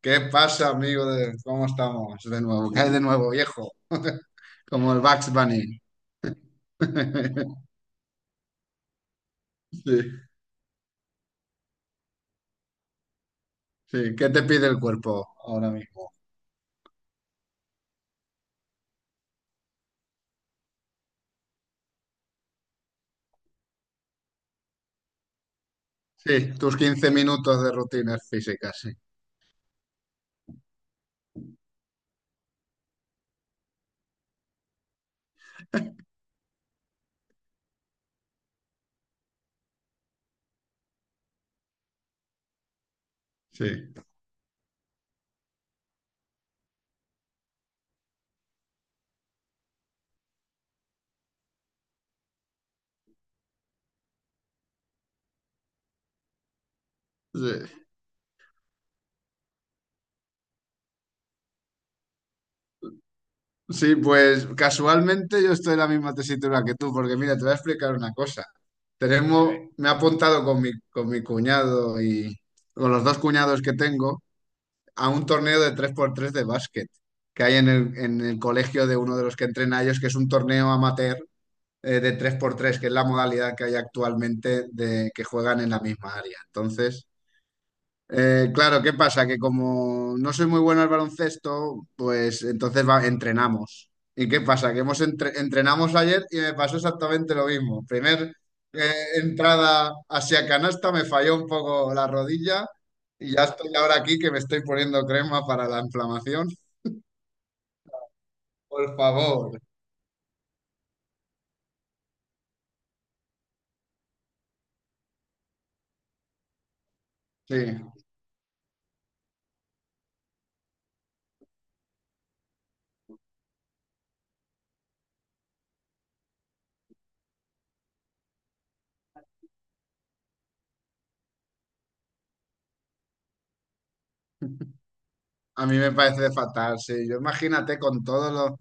¿Qué pasa, amigo? ¿Cómo estamos? De nuevo, ¿qué hay de nuevo, viejo? Como el Bugs Bunny. Sí, sí. ¿Qué te pide el cuerpo ahora mismo? Sí, tus 15 minutos de rutinas físicas, sí. Sí, sí. Sí, pues casualmente yo estoy en la misma tesitura que tú, porque mira, te voy a explicar una cosa. Tenemos, me he apuntado con mi cuñado y con los dos cuñados que tengo a un torneo de tres por tres de básquet que hay en el colegio de uno de los que entrena a ellos, que es un torneo amateur de tres por tres que es la modalidad que hay actualmente de que juegan en la misma área. Entonces, claro, ¿qué pasa? Que como no soy muy bueno al baloncesto, pues entonces entrenamos. ¿Y qué pasa? Que hemos entrenamos ayer y me pasó exactamente lo mismo. Primer entrada hacia canasta, me falló un poco la rodilla y ya estoy ahora aquí que me estoy poniendo crema para la inflamación. Por favor. Sí. A mí me parece fatal, sí. Yo imagínate con todo lo,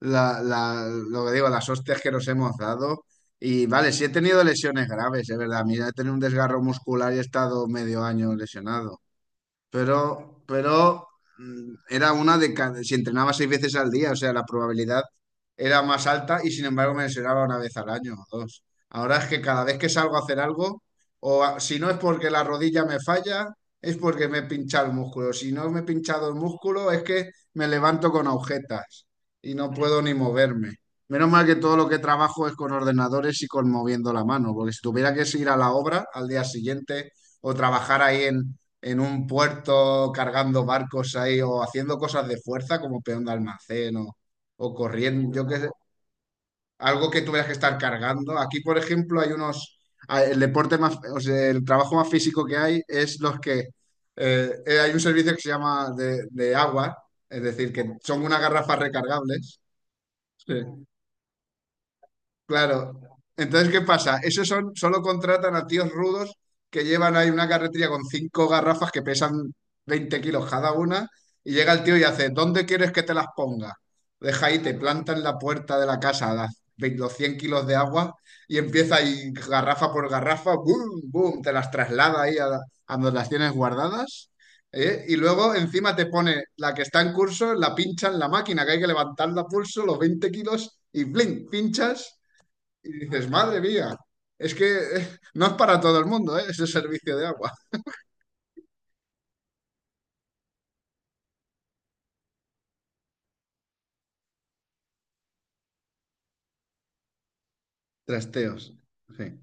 lo que digo, las hostias que nos hemos dado. Y vale, sí he tenido lesiones graves, es verdad. Mira, he tenido un desgarro muscular y he estado medio año lesionado. Pero era una de cada, si entrenaba seis veces al día, o sea, la probabilidad era más alta y sin embargo me lesionaba una vez al año o dos. Ahora es que cada vez que salgo a hacer algo, si no es porque la rodilla me falla, es porque me he pinchado el músculo. Si no me he pinchado el músculo, es que me levanto con agujetas y no puedo ni moverme. Menos mal que todo lo que trabajo es con ordenadores y con moviendo la mano, porque si tuviera que ir a la obra al día siguiente o trabajar ahí en un puerto cargando barcos ahí o haciendo cosas de fuerza como peón de almacén o corriendo, yo qué sé, algo que tuvieras que estar cargando. Aquí, por ejemplo, hay unos, ah, el deporte más, o sea, el trabajo más físico que hay es los que, hay un servicio que se llama de agua, es decir, que son unas garrafas recargables. Sí. Claro. Entonces, ¿qué pasa? Esos son, solo contratan a tíos rudos que llevan ahí una carretilla con cinco garrafas que pesan 20 kilos cada una y llega el tío y hace, ¿dónde quieres que te las ponga? Deja ahí, te planta en la puerta de la casa las, los 100 kilos de agua y empieza ahí garrafa por garrafa, boom, boom, te las traslada ahí a donde las tienes guardadas. ¿Eh? Y luego encima te pone la que está en curso, la pincha en la máquina, que hay que levantarla a pulso, los 20 kilos, y blin, pinchas y dices, madre mía, es que no es para todo el mundo, ¿eh? Ese servicio de agua. Trasteos, sí.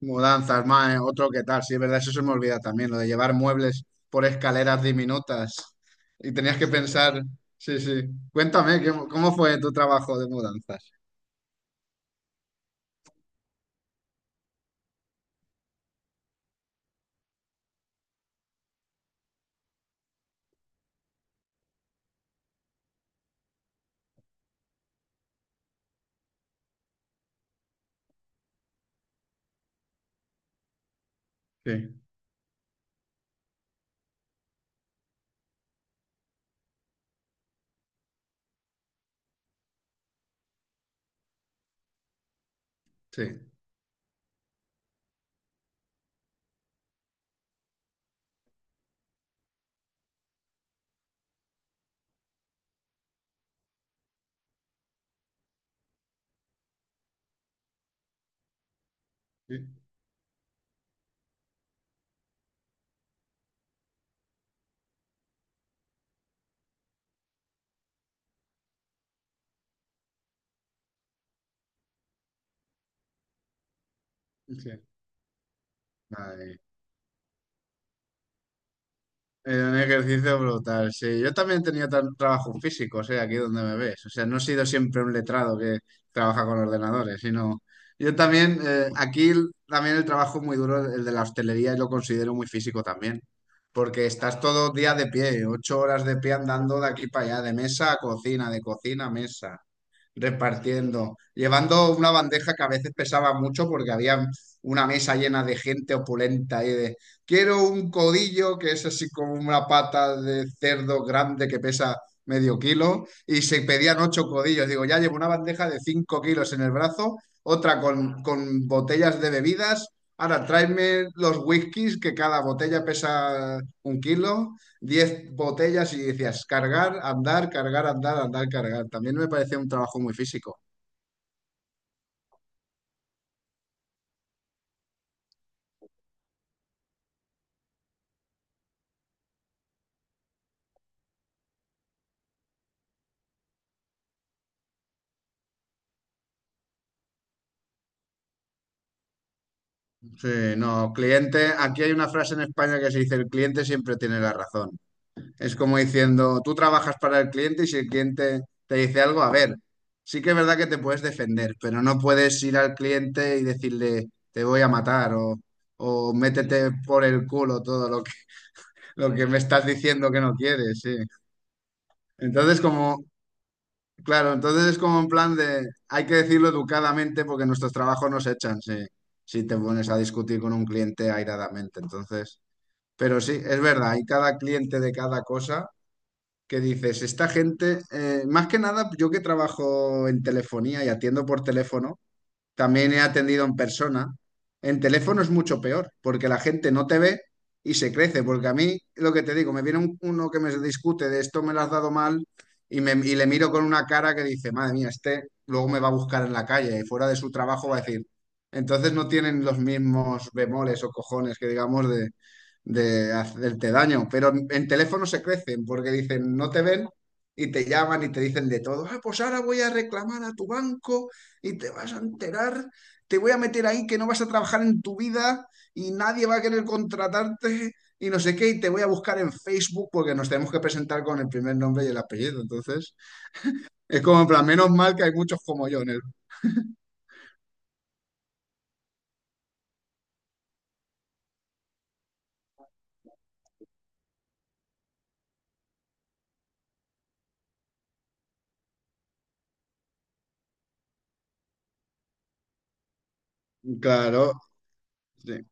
Mudanzas, más, otro que tal, sí, es verdad, eso se me olvida también, lo de llevar muebles por escaleras diminutas. Y tenías que pensar, sí, sí. Cuéntame, ¿qué- ¿cómo fue tu trabajo de mudanzas? Sí, sí, sí, sí. Ay. Era un ejercicio brutal, sí. Yo también tenía trabajo físico, o sea, aquí donde me ves. O sea, no he sido siempre un letrado que trabaja con ordenadores, sino yo también, aquí también el trabajo muy duro, el de la hostelería, y lo considero muy físico también. Porque estás todo el día de pie, 8 horas de pie andando de aquí para allá, de mesa a cocina, de cocina a mesa, repartiendo, llevando una bandeja que a veces pesaba mucho porque había una mesa llena de gente opulenta y de, quiero un codillo que es así como una pata de cerdo grande que pesa medio kilo y se pedían ocho codillos. Digo, ya llevo una bandeja de 5 kilos en el brazo, otra con botellas de bebidas. Ahora, tráeme los whiskies que cada botella pesa un kilo, 10 botellas y decías cargar, andar, andar, cargar. También me parecía un trabajo muy físico. Sí, no, cliente, aquí hay una frase en España que se dice, el cliente siempre tiene la razón. Es como diciendo, tú trabajas para el cliente y si el cliente te dice algo, a ver, sí que es verdad que te puedes defender, pero no puedes ir al cliente y decirle, te voy a matar o métete por el culo todo lo. Lo que me estás diciendo que no quieres, sí. Entonces, como, claro, entonces es como en plan de, hay que decirlo educadamente porque nuestros trabajos nos echan, sí, si te pones a discutir con un cliente airadamente. Entonces, pero sí, es verdad, hay cada cliente de cada cosa que dices, esta gente, más que nada, yo que trabajo en telefonía y atiendo por teléfono, también he atendido en persona. En teléfono es mucho peor, porque la gente no te ve y se crece. Porque a mí, lo que te digo, me viene uno que me discute de esto me lo has dado mal y, le miro con una cara que dice, madre mía, este luego me va a buscar en la calle y fuera de su trabajo va a decir. Entonces no tienen los mismos bemoles o cojones que digamos de hacerte daño. Pero en teléfono se crecen porque dicen, no te ven y te llaman y te dicen de todo. Ah, pues ahora voy a reclamar a tu banco y te vas a enterar, te voy a meter ahí que no vas a trabajar en tu vida y nadie va a querer contratarte y no sé qué, y te voy a buscar en Facebook porque nos tenemos que presentar con el primer nombre y el apellido. Entonces, es como en plan, menos mal que hay muchos como yo en el... Claro, sí.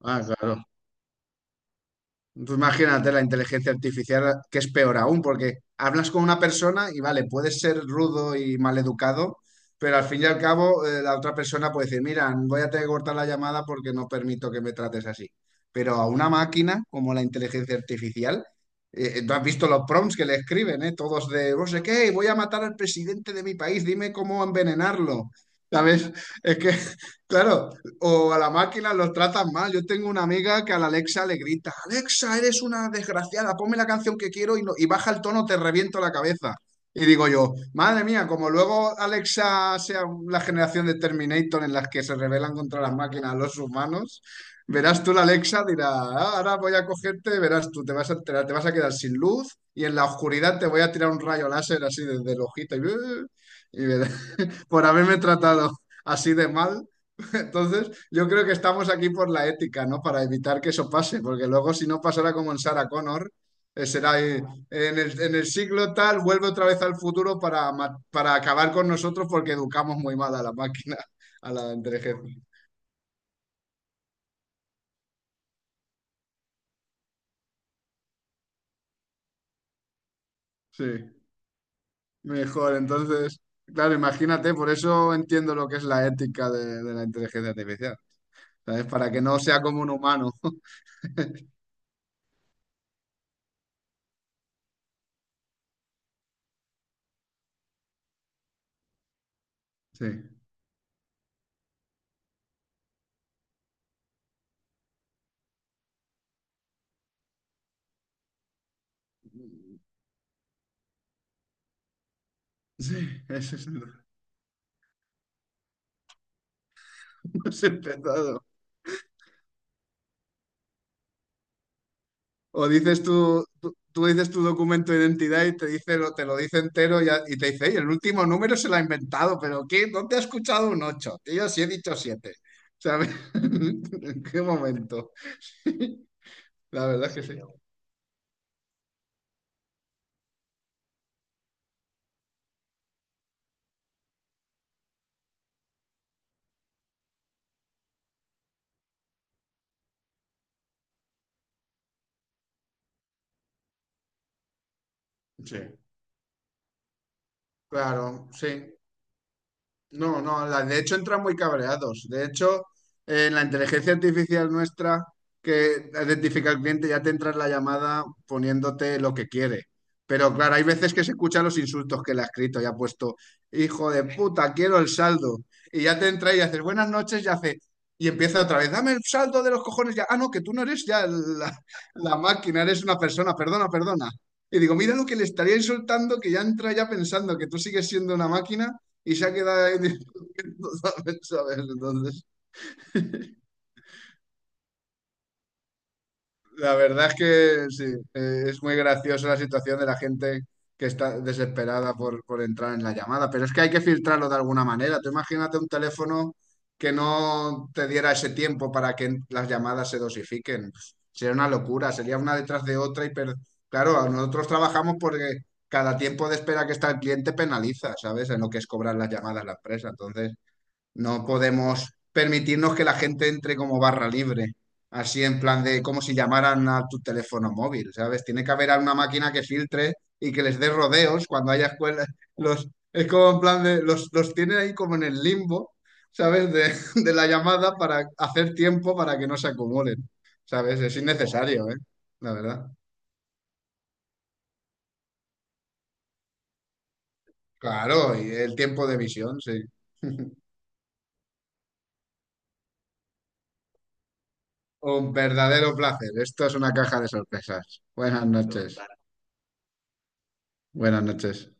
Ah, claro. Tú imagínate la inteligencia artificial, que es peor aún, porque hablas con una persona y vale, puedes ser rudo y maleducado, pero al fin y al cabo la otra persona puede decir, mira, voy a tener que cortar la llamada porque no permito que me trates así. Pero a una máquina como la inteligencia artificial, tú has visto los prompts que le escriben, ¿eh? Todos de, no sé qué, voy a matar al presidente de mi país, dime cómo envenenarlo. ¿Sabes? Es que, claro, o a la máquina los tratan mal. Yo tengo una amiga que a la Alexa le grita, Alexa, eres una desgraciada, ponme la canción que quiero y, y baja el tono, te reviento la cabeza. Y digo yo, madre mía, como luego Alexa sea la generación de Terminator en las que se rebelan contra las máquinas los humanos, verás tú la Alexa, dirá, "Ah, ahora voy a cogerte, verás tú, te vas a enterar, te vas a quedar sin luz y en la oscuridad te voy a tirar un rayo láser así desde el ojito y, y verás, por haberme tratado así de mal. Entonces, yo creo que estamos aquí por la ética, ¿no? Para evitar que eso pase, porque luego si no pasara como en Sarah Connor, será en el siglo tal, vuelve otra vez al futuro para, para acabar con nosotros porque educamos muy mal a la máquina, a la inteligencia. Sí, mejor. Entonces, claro, imagínate, por eso entiendo lo que es la ética de la inteligencia artificial, ¿sabes? Para que no sea como un humano. Sí, sí, ese es el, ese es el pecado. O dices tú dices tu documento de identidad y te dice, te lo dice entero y, y te dice, "Ey, el último número se lo ha inventado, pero ¿qué? ¿Dónde has escuchado un 8? Yo sí he dicho siete. ¿Sabes? ¿En qué momento? La verdad es que sí. Sí, claro, sí. No, no, de hecho entran muy cabreados. De hecho, la inteligencia artificial nuestra que identifica al cliente ya te entra en la llamada poniéndote lo que quiere. Pero claro, hay veces que se escuchan los insultos que le ha escrito y ha puesto, hijo de puta, quiero el saldo. Y ya te entra y haces buenas noches y hace, y empieza otra vez, dame el saldo de los cojones ya. Ah, no, que tú no eres ya la máquina, eres una persona, perdona, perdona. Y digo, mira lo que le estaría insultando, que ya entra ya pensando que tú sigues siendo una máquina y se ha quedado ahí discutiendo, ¿sabes? ¿Sabes? Entonces, la verdad es que sí, es muy graciosa la situación de la gente que está desesperada por entrar en la llamada, pero es que hay que filtrarlo de alguna manera. Tú imagínate un teléfono que no te diera ese tiempo para que las llamadas se dosifiquen. Sería una locura, sería una detrás de otra y claro, nosotros trabajamos porque cada tiempo de espera que está el cliente penaliza, ¿sabes? En lo que es cobrar las llamadas a la empresa. Entonces, no podemos permitirnos que la gente entre como barra libre, así en plan de como si llamaran a tu teléfono móvil, ¿sabes? Tiene que haber una máquina que filtre y que les dé rodeos cuando haya escuelas. Los, es como en plan de, los tiene ahí como en el limbo, ¿sabes? De la llamada para hacer tiempo para que no se acumulen, ¿sabes? Es innecesario, ¿eh? La verdad. Claro, y el tiempo de visión, sí. Un verdadero placer. Esto es una caja de sorpresas. Buenas noches. Buenas noches.